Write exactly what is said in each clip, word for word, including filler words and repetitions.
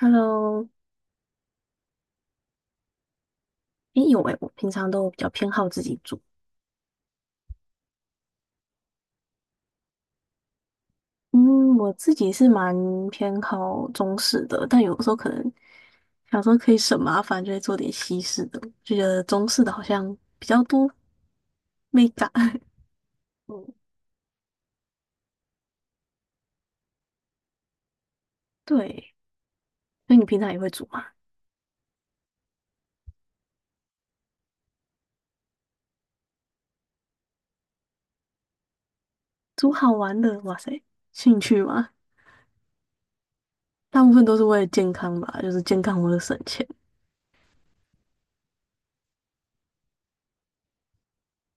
Hello，诶，有诶，我平常都比较偏好自己煮。嗯，我自己是蛮偏好中式的，但有时候可能想说可以省麻烦，就会做点西式的。就觉得中式的好像比较多美感。嗯，对。那你平常也会煮吗？煮好玩的，哇塞，兴趣吗？大部分都是为了健康吧，就是健康为了省钱。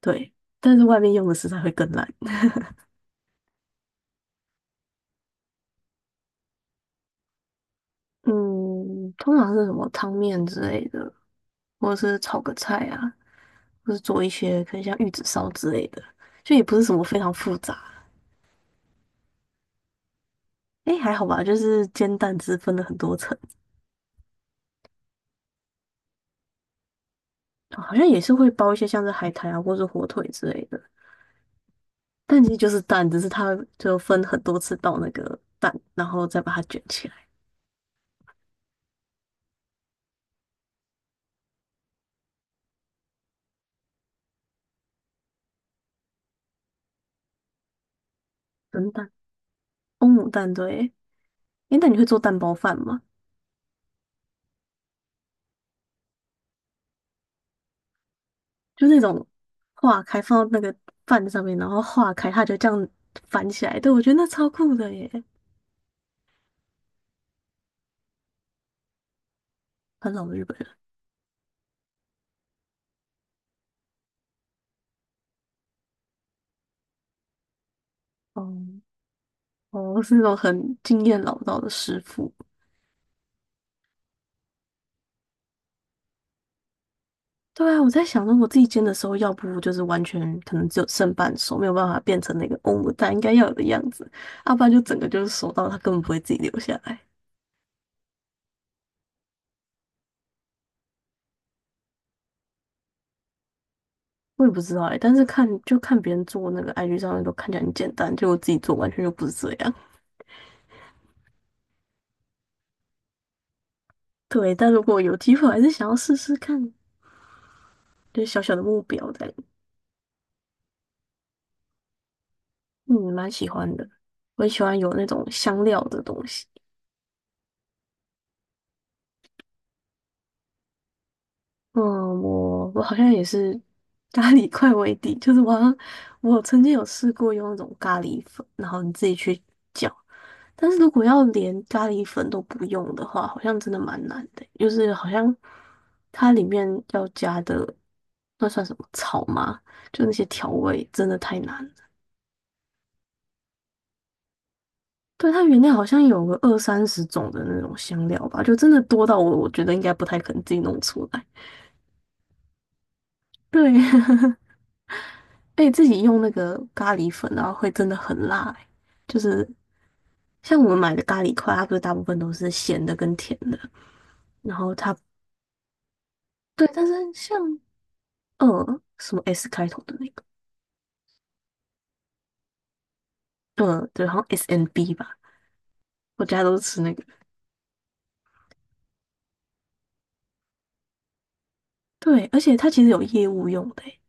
对，但是外面用的食材会更烂。嗯，通常是什么汤面之类的，或者是炒个菜啊。或是做一些可能像玉子烧之类的，就也不是什么非常复杂。哎，还好吧，就是煎蛋汁分了很多层，好像也是会包一些像是海苔啊，或是火腿之类的。但其实就是蛋，只是它就分很多次到那个蛋，然后再把它卷起来。蒸蛋，欧姆蛋，对。诶，那你会做蛋包饭吗？就那种化开放到那个饭上面，然后化开，它就这样翻起来。对，我觉得那超酷的耶，很老的日本人。哦哦，是那种很经验老道的师傅。对啊，我在想，如果自己煎的时候，要不就是完全可能只有剩半熟，没有办法变成那个欧姆蛋应该要有的样子，要不然就整个就是熟到它根本不会自己留下来。我也不知道哎、但是看就看别人做那个 I G 上面都看起来很简单，就我自己做完全就不是这样。对，但如果有机会，我还是想要试试看，就是小小的目标在。嗯，蛮喜欢的，我很喜欢有那种香料的东西。嗯，我我好像也是咖喱块为底，就是我好像我曾经有试过用那种咖喱粉，然后你自己去搅，但是如果要连咖喱粉都不用的话，好像真的蛮难的，就是好像它里面要加的那算什么草吗？就那些调味真的太难了。对，它原料好像有个二三十种的那种香料吧，就真的多到我我觉得应该不太可能自己弄出来。对。而且自己用那个咖喱粉，然后会真的很辣欸、就是像我们买的咖喱块，它不是大部分都是咸的跟甜的，然后它对，但是像呃什么 S 开头的那个，呃对，好像 S N B 吧，我家都是吃那个。对，而且它其实有业务用的欸、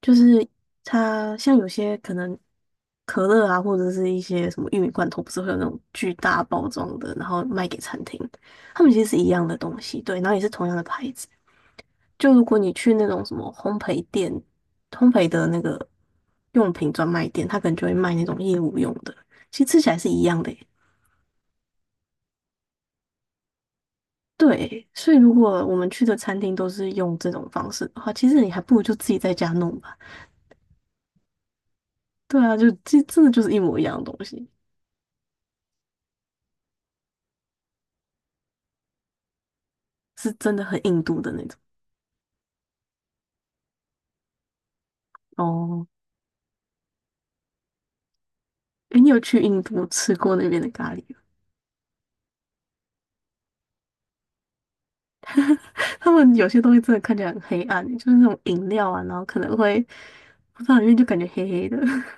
就是它像有些可能可乐啊，或者是一些什么玉米罐头，不是会有那种巨大包装的，然后卖给餐厅，他们其实是一样的东西，对，然后也是同样的牌子。就如果你去那种什么烘焙店、烘焙的那个用品专卖店，他可能就会卖那种业务用的，其实吃起来是一样的耶。对，所以如果我们去的餐厅都是用这种方式的话，其实你还不如就自己在家弄吧。对啊，就这真的就是一模一样的东西，是真的很印度的那种。哦，诶，你有去印度吃过那边的咖喱吗 他们有些东西真的看起来很黑暗，就是那种饮料啊，然后可能会不知道里面就感觉黑黑的。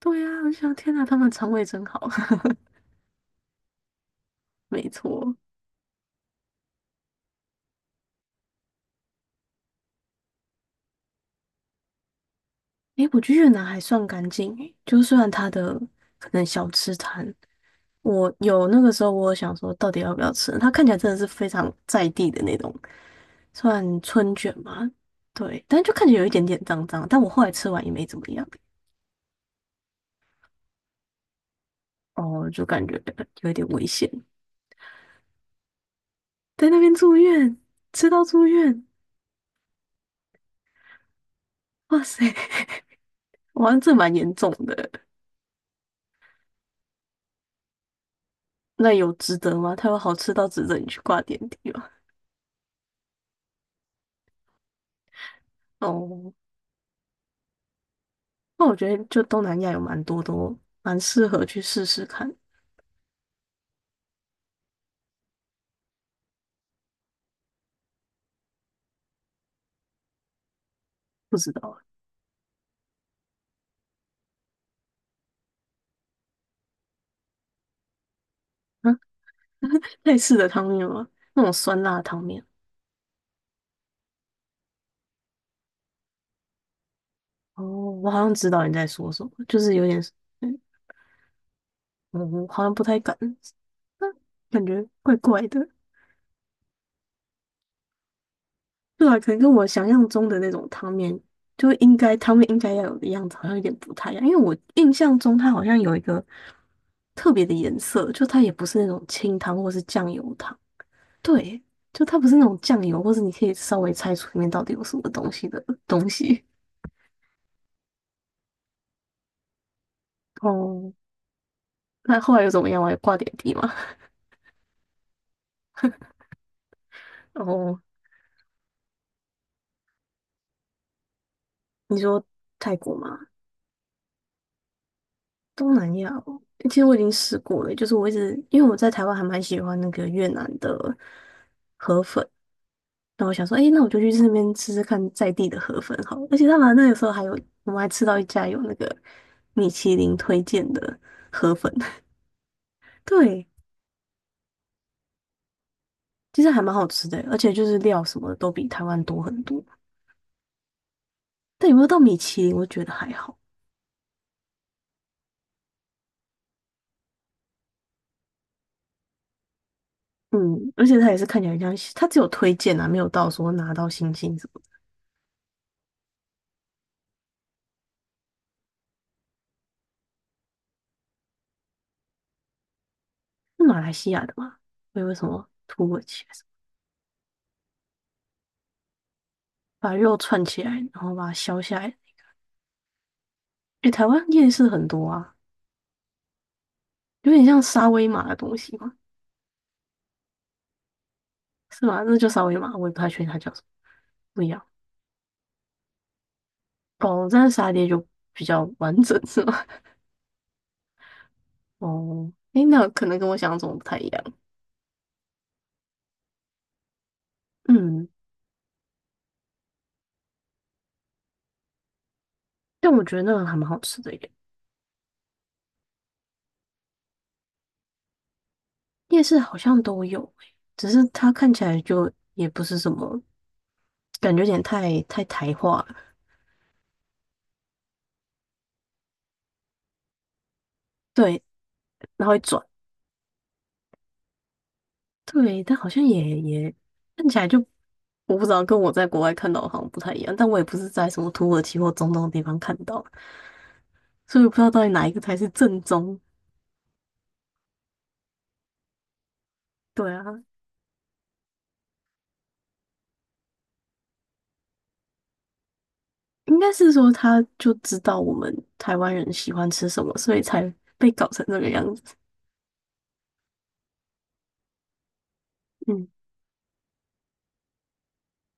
对呀、啊我就想天哪，他们肠胃真好。没错，诶，我觉得越南还算干净诶，就虽然它的可能小吃摊，我有那个时候我有想说到底要不要吃，它看起来真的是非常在地的那种，算春卷嘛，对，但就看起来有一点点脏脏，但我后来吃完也没怎么样，哦，就感觉有一点危险，在那边住院，吃到住院，哇塞，哇，这蛮严重的，那有值得吗？它有好吃到值得你去挂点滴吗？哦，那我觉得就东南亚有蛮多都蛮适合去试试看，不知道啊，类似的汤面吗？那种酸辣汤面。哦，我好像知道你在说什么，就是有点，嗯，我好像不太敢，啊感觉怪怪的。对啊，可能跟我想象中的那种汤面，就应该汤面应该要有的样子，好像有点不太一样。因为我印象中它好像有一个特别的颜色，就它也不是那种清汤或是酱油汤。对，就它不是那种酱油，或是你可以稍微猜出里面到底有什么东西的 东西。哦，那后来又怎么样啊？有挂点滴吗？后你说泰国吗？东南亚哦其实我已经试过了，就是我一直因为我在台湾还蛮喜欢那个越南的河粉，那我想说，诶，那我就去那边吃吃看在地的河粉好了，而且他们那个时候还有，我们还吃到一家有那个米其林推荐的河粉，对，其实还蛮好吃的欸，而且就是料什么的都比台湾多很多。但有没有到米其林，我觉得还好。嗯，而且它也是看起来像，它只有推荐啊，没有到说拿到星星什么的是马来西亚的吗？没有什么土耳其还是什么把肉串起来，然后把它削下来。诶，台湾夜市很多啊，有点像沙威玛的东西吗？是吗？那就沙威玛，我也不太确定它叫什么，不一样。哦，但是沙爹就比较完整是吗？哦，诶，那可能跟我想象中不太一样。嗯。但我觉得那个还蛮好吃的耶，夜市好像都有诶，只是它看起来就也不是什么，感觉有点太太台化了对，然后一转，对，但好像也也看起来就我不知道，跟我在国外看到的好像不太一样。但我也不是在什么土耳其或中东的地方看到，所以我不知道到底哪一个才是正宗。对啊，应该是说他就知道我们台湾人喜欢吃什么，所以才被搞成这个样子。嗯。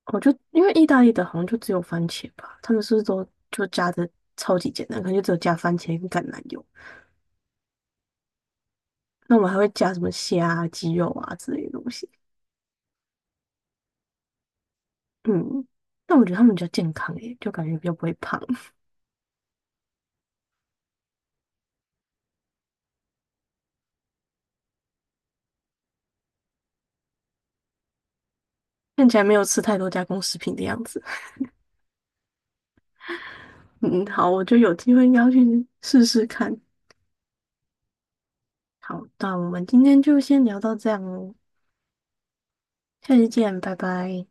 我就因为意大利的好像就只有番茄吧，他们是不是都就加的超级简单，可能就只有加番茄跟橄榄油。那我们还会加什么虾啊、鸡肉啊之类的东西。嗯，但我觉得他们比较健康诶，就感觉比较不会胖，看起来没有吃太多加工食品的样子。嗯，好，我就有机会应该要去试试看。好，那我们今天就先聊到这样哦，下期见，拜拜。